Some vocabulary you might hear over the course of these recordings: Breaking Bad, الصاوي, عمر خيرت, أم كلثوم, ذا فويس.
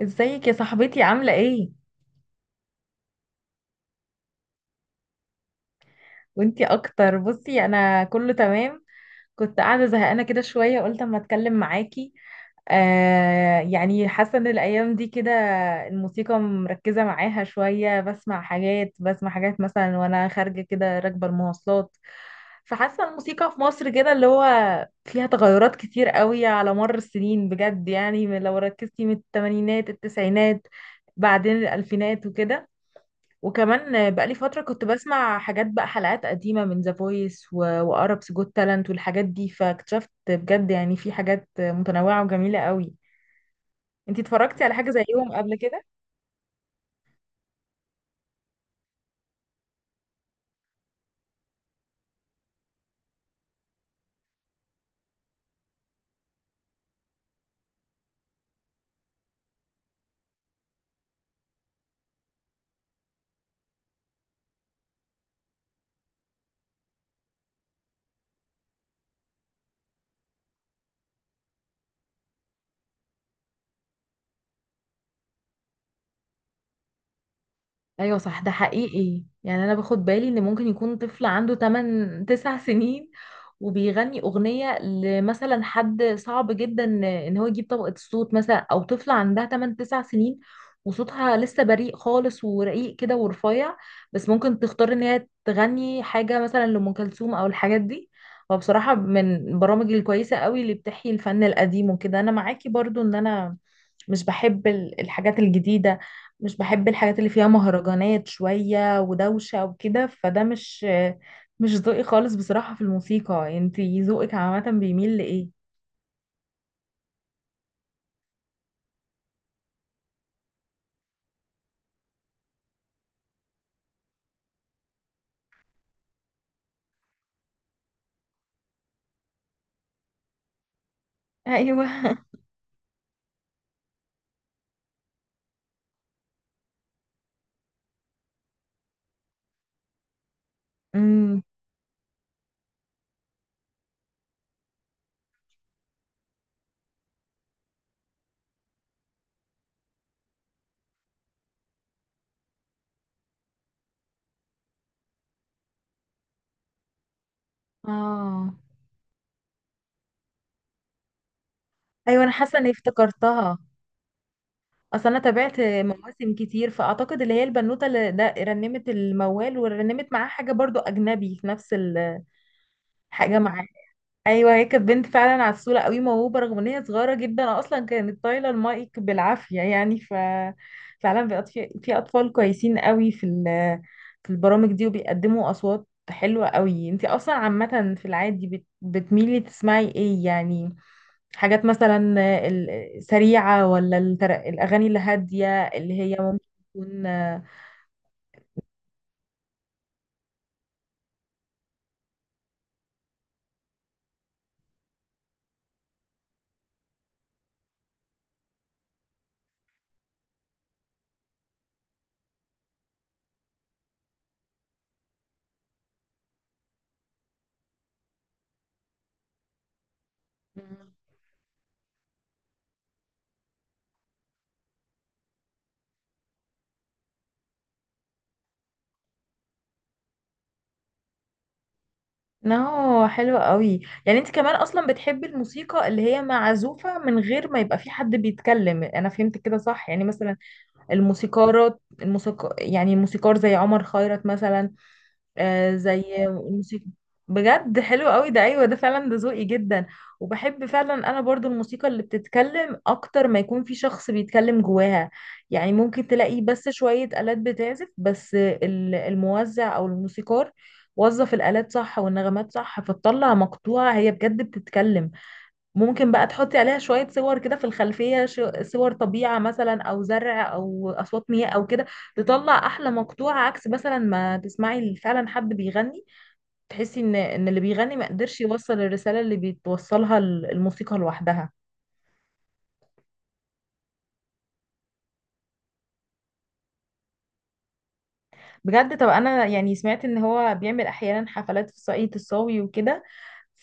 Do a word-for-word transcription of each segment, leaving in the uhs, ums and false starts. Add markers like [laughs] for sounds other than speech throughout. ازيك يا صاحبتي عاملة ايه؟ وانتي اكتر. بصي انا كله تمام، كنت قاعدة زهقانة كده شوية قلت اما اتكلم معاكي. آه يعني حاسة ان الايام دي كده الموسيقى مركزة معاها شوية، بسمع حاجات، بسمع حاجات مثلا وانا خارجة كده راكبة المواصلات، فحاسة الموسيقى في مصر كده اللي هو فيها تغيرات كتير قوي على مر السنين بجد، يعني من- لو ركزتي من التمانينات، التسعينات، بعدين الالفينات وكده. وكمان بقالي فترة كنت بسمع حاجات بقى، حلقات قديمة من ذا فويس وأربس جوت تالنت والحاجات دي، فاكتشفت بجد يعني في حاجات متنوعة وجميلة قوي. انتي اتفرجتي على حاجة زيهم قبل كده؟ ايوه صح، ده حقيقي، يعني انا باخد بالي ان ممكن يكون طفل عنده تمنية تسع سنين وبيغني اغنيه لمثلا حد صعب جدا ان هو يجيب طبقه الصوت، مثلا او طفله عندها تمنية تسع سنين وصوتها لسه بريء خالص ورقيق كده ورفيع، بس ممكن تختار ان هي تغني حاجه مثلا لام كلثوم او الحاجات دي. وبصراحه من البرامج الكويسه قوي اللي بتحيي الفن القديم وكده، انا معاكي برضو ان انا مش بحب ال- الحاجات الجديده، مش بحب الحاجات اللي فيها مهرجانات شوية ودوشة وكده، فده مش مش ذوقي خالص بصراحة في الموسيقى. انتي ذوقك عامة بيميل لإيه؟ ايوه، امم، اه، ايوه انا حاسة اني افتكرتها، اصل انا تابعت مواسم كتير، فاعتقد اللي هي البنوتة اللي ده رنمت الموال، ورنمت معاه حاجة برضو اجنبي في نفس الحاجة معاه. ايوه هي كانت بنت فعلا عسوله قوي، موهوبه رغم ان هي صغيره جدا، اصلا كانت طايله المايك بالعافيه يعني ف فعلا بقت في في اطفال كويسين قوي في ال... في البرامج دي وبيقدموا اصوات حلوه قوي. انت اصلا عامه في العادي بت... بتميلي تسمعي ايه يعني، حاجات مثلا السريعه ولا التر... الاغاني الهاديه اللي هي ممكن تكون؟ نو حلو قوي، يعني انت كمان اصلا بتحبي الموسيقى اللي هي معزوفة من غير ما يبقى في حد بيتكلم، انا فهمت كده صح؟ يعني مثلا الموسيقارات، الموسيقى، يعني موسيقار زي عمر خيرت مثلا، آه زي الموسيقى، بجد حلو قوي ده، ايوه ده فعلا، ده ذوقي جدا. وبحب فعلا انا برضو الموسيقى اللي بتتكلم اكتر ما يكون في شخص بيتكلم جواها، يعني ممكن تلاقي بس شوية آلات بتعزف، بس ال- الموزع او الموسيقار وظف الآلات صح والنغمات صح، فتطلع مقطوعة هي بجد بتتكلم. ممكن بقى تحطي عليها شوية صور كده في الخلفية، شو- صور طبيعة مثلا أو زرع أو أصوات مياه أو كده، تطلع أحلى مقطوعة، عكس مثلا ما تسمعي فعلا حد بيغني، تحسي إن إن اللي بيغني ما قدرش يوصل الرسالة اللي بتوصلها ال- الموسيقى لوحدها. بجد طب أنا يعني سمعت إن هو بيعمل أحيانا حفلات في صعيد الصاوي وكده،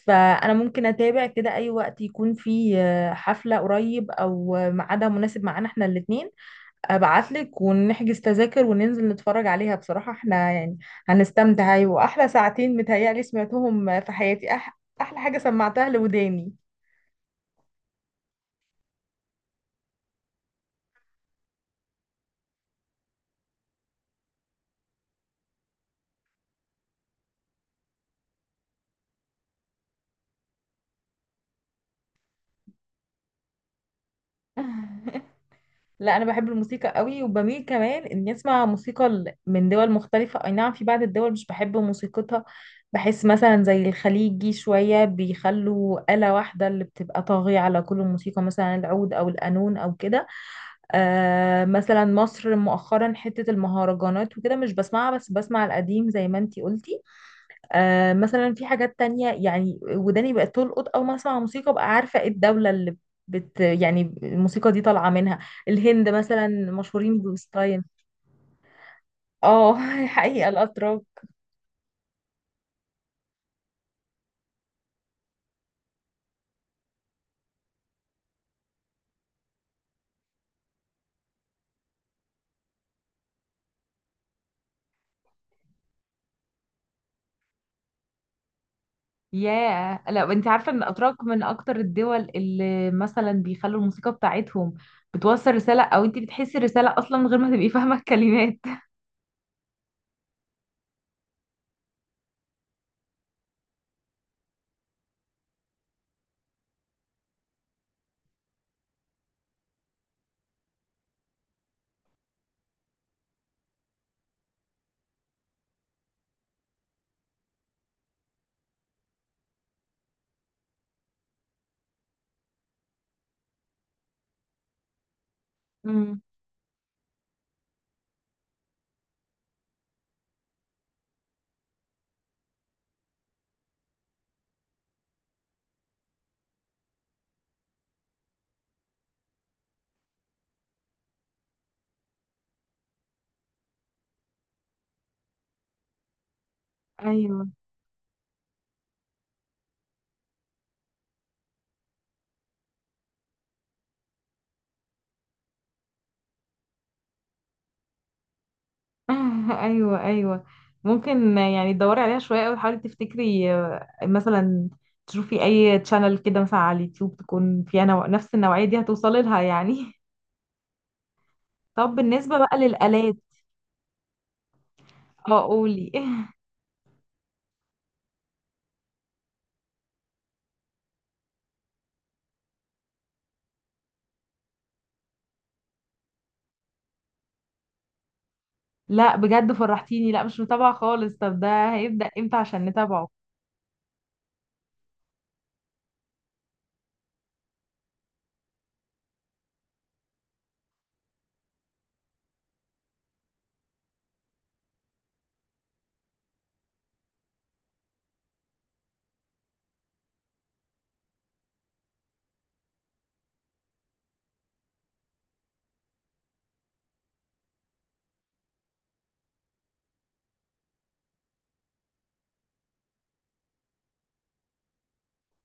فأنا ممكن أتابع كده أي وقت يكون فيه آه، حفلة قريب أو ميعادها مناسب معانا إحنا الاتنين، ابعتلك ونحجز تذاكر وننزل نتفرج عليها. بصراحة احنا يعني هنستمتع، أيوة. واحلى ساعتين متهيألي سمعتهم في حياتي، أح احلى حاجة سمعتها لوداني. [laughs] لا انا بحب الموسيقى قوي، وبميل كمان اني اسمع موسيقى ل- من دول مختلفة. اي نعم في بعض الدول مش بحب موسيقتها، بحس مثلا زي الخليجي شوية بيخلوا آلة واحدة اللي بتبقى طاغية على كل الموسيقى، مثلا العود او القانون او كده. آه مثلا مصر مؤخرا، حتة المهرجانات وكده مش بسمعها، بس بسمع القديم زي ما انتي قلتي. آه مثلا في حاجات تانية، يعني وداني بقت تلقط أول ما أسمع موسيقى بقى عارفة ايه الدولة اللي بت يعني الموسيقى دي طالعة منها. الهند مثلا مشهورين بستايل، اه. [laughs] حقيقة الأتراك، ياه. لا انت عارفه ان الاتراك من اكتر الدول اللي مثلا بيخلوا الموسيقى بتاعتهم بتوصل رساله، او انت بتحسي الرساله اصلا من غير ما تبقي فاهمه الكلمات. امم، ايوه. [laughs] ايوه ايوه ممكن يعني تدوري عليها شويه قوي، حاولي تفتكري آه، مثلا تشوفي اي تشانل كده مثلا على اليوتيوب تكون فيها نوع... نفس النوعيه دي، هتوصلي لها يعني. [laughs] طب بالنسبه بقى للالات، اه قولي. [laughs] لا بجد فرحتيني، لا مش متابعه خالص. طب ده هيبدا امتى عشان نتابعه؟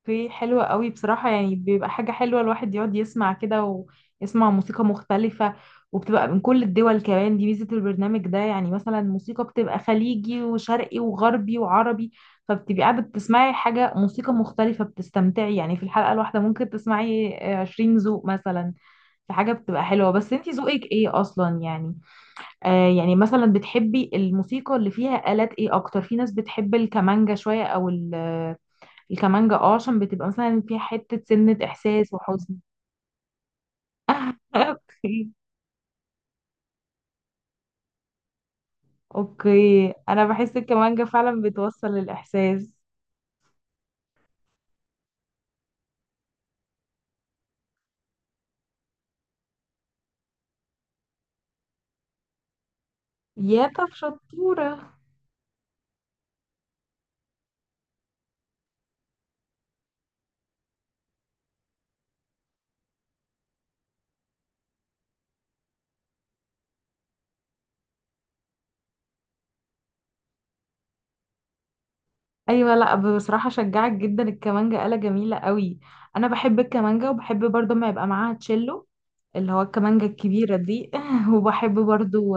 اوكي حلوة قوي بصراحة، يعني بيبقى حاجة حلوة الواحد يقعد يسمع كده ويسمع موسيقى مختلفة، وبتبقى من كل الدول كمان، دي ميزة البرنامج ده، يعني مثلا موسيقى بتبقى خليجي وشرقي وغربي وعربي، فبتبقي قاعدة بتسمعي حاجة موسيقى مختلفة بتستمتعي، يعني في الحلقة الواحدة ممكن تسمعي آه، عشرين ذوق مثلا، في حاجة بتبقى حلوة. بس انتي ذوقك ايه اصلا يعني، آه يعني مثلا بتحبي الموسيقى اللي فيها آلات ايه اكتر؟ في ناس بتحب الكمانجا شوية او ال الكمانجة، اه، عشان بتبقى مثلا فيها حتة سنة إحساس وحزن. [laughs] اوكي، اوكي انا بحس الكمانجة فعلا بتوصل الإحساس، يا طب شطورة. ايوه لا بصراحة شجعك جدا، الكمانجة آلة جميلة قوي، انا بحب الكمانجة، وبحب برضه ما يبقى معاها تشيلو اللي هو الكمانجة الكبيرة دي. [laughs] وبحب برضو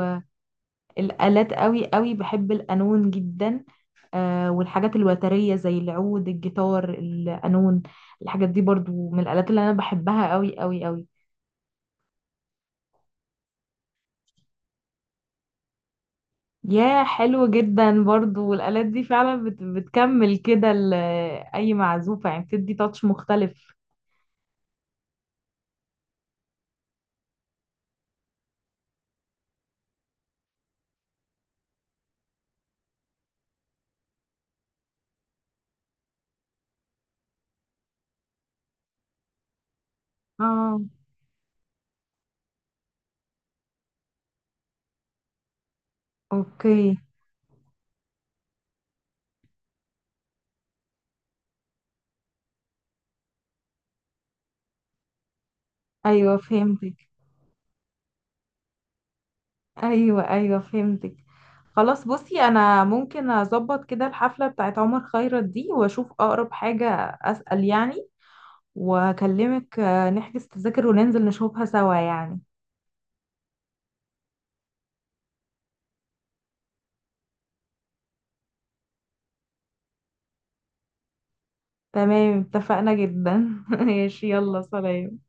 الآلات قوي قوي، بحب القانون جدا، آه والحاجات الوترية زي العود، الجيتار، القانون، الحاجات دي برضو من الآلات اللي أنا بحبها قوي قوي قوي. يا حلو جدا برضو، والآلات دي فعلا بت بتكمل كده ال- أي معزوفة، يعني بتدي تاتش مختلف. اه اوكي، ايوه فهمتك، ايوه ايوه فهمتك. خلاص بصي، انا ممكن اظبط كده الحفله بتاعت عمر خيرت دي واشوف اقرب حاجه، اسال يعني واكلمك، آه، نحجز تذاكر وننزل نشوفها سوا يعني. تمام اتفقنا جدا. [laughs] ماشي، يلا سلام.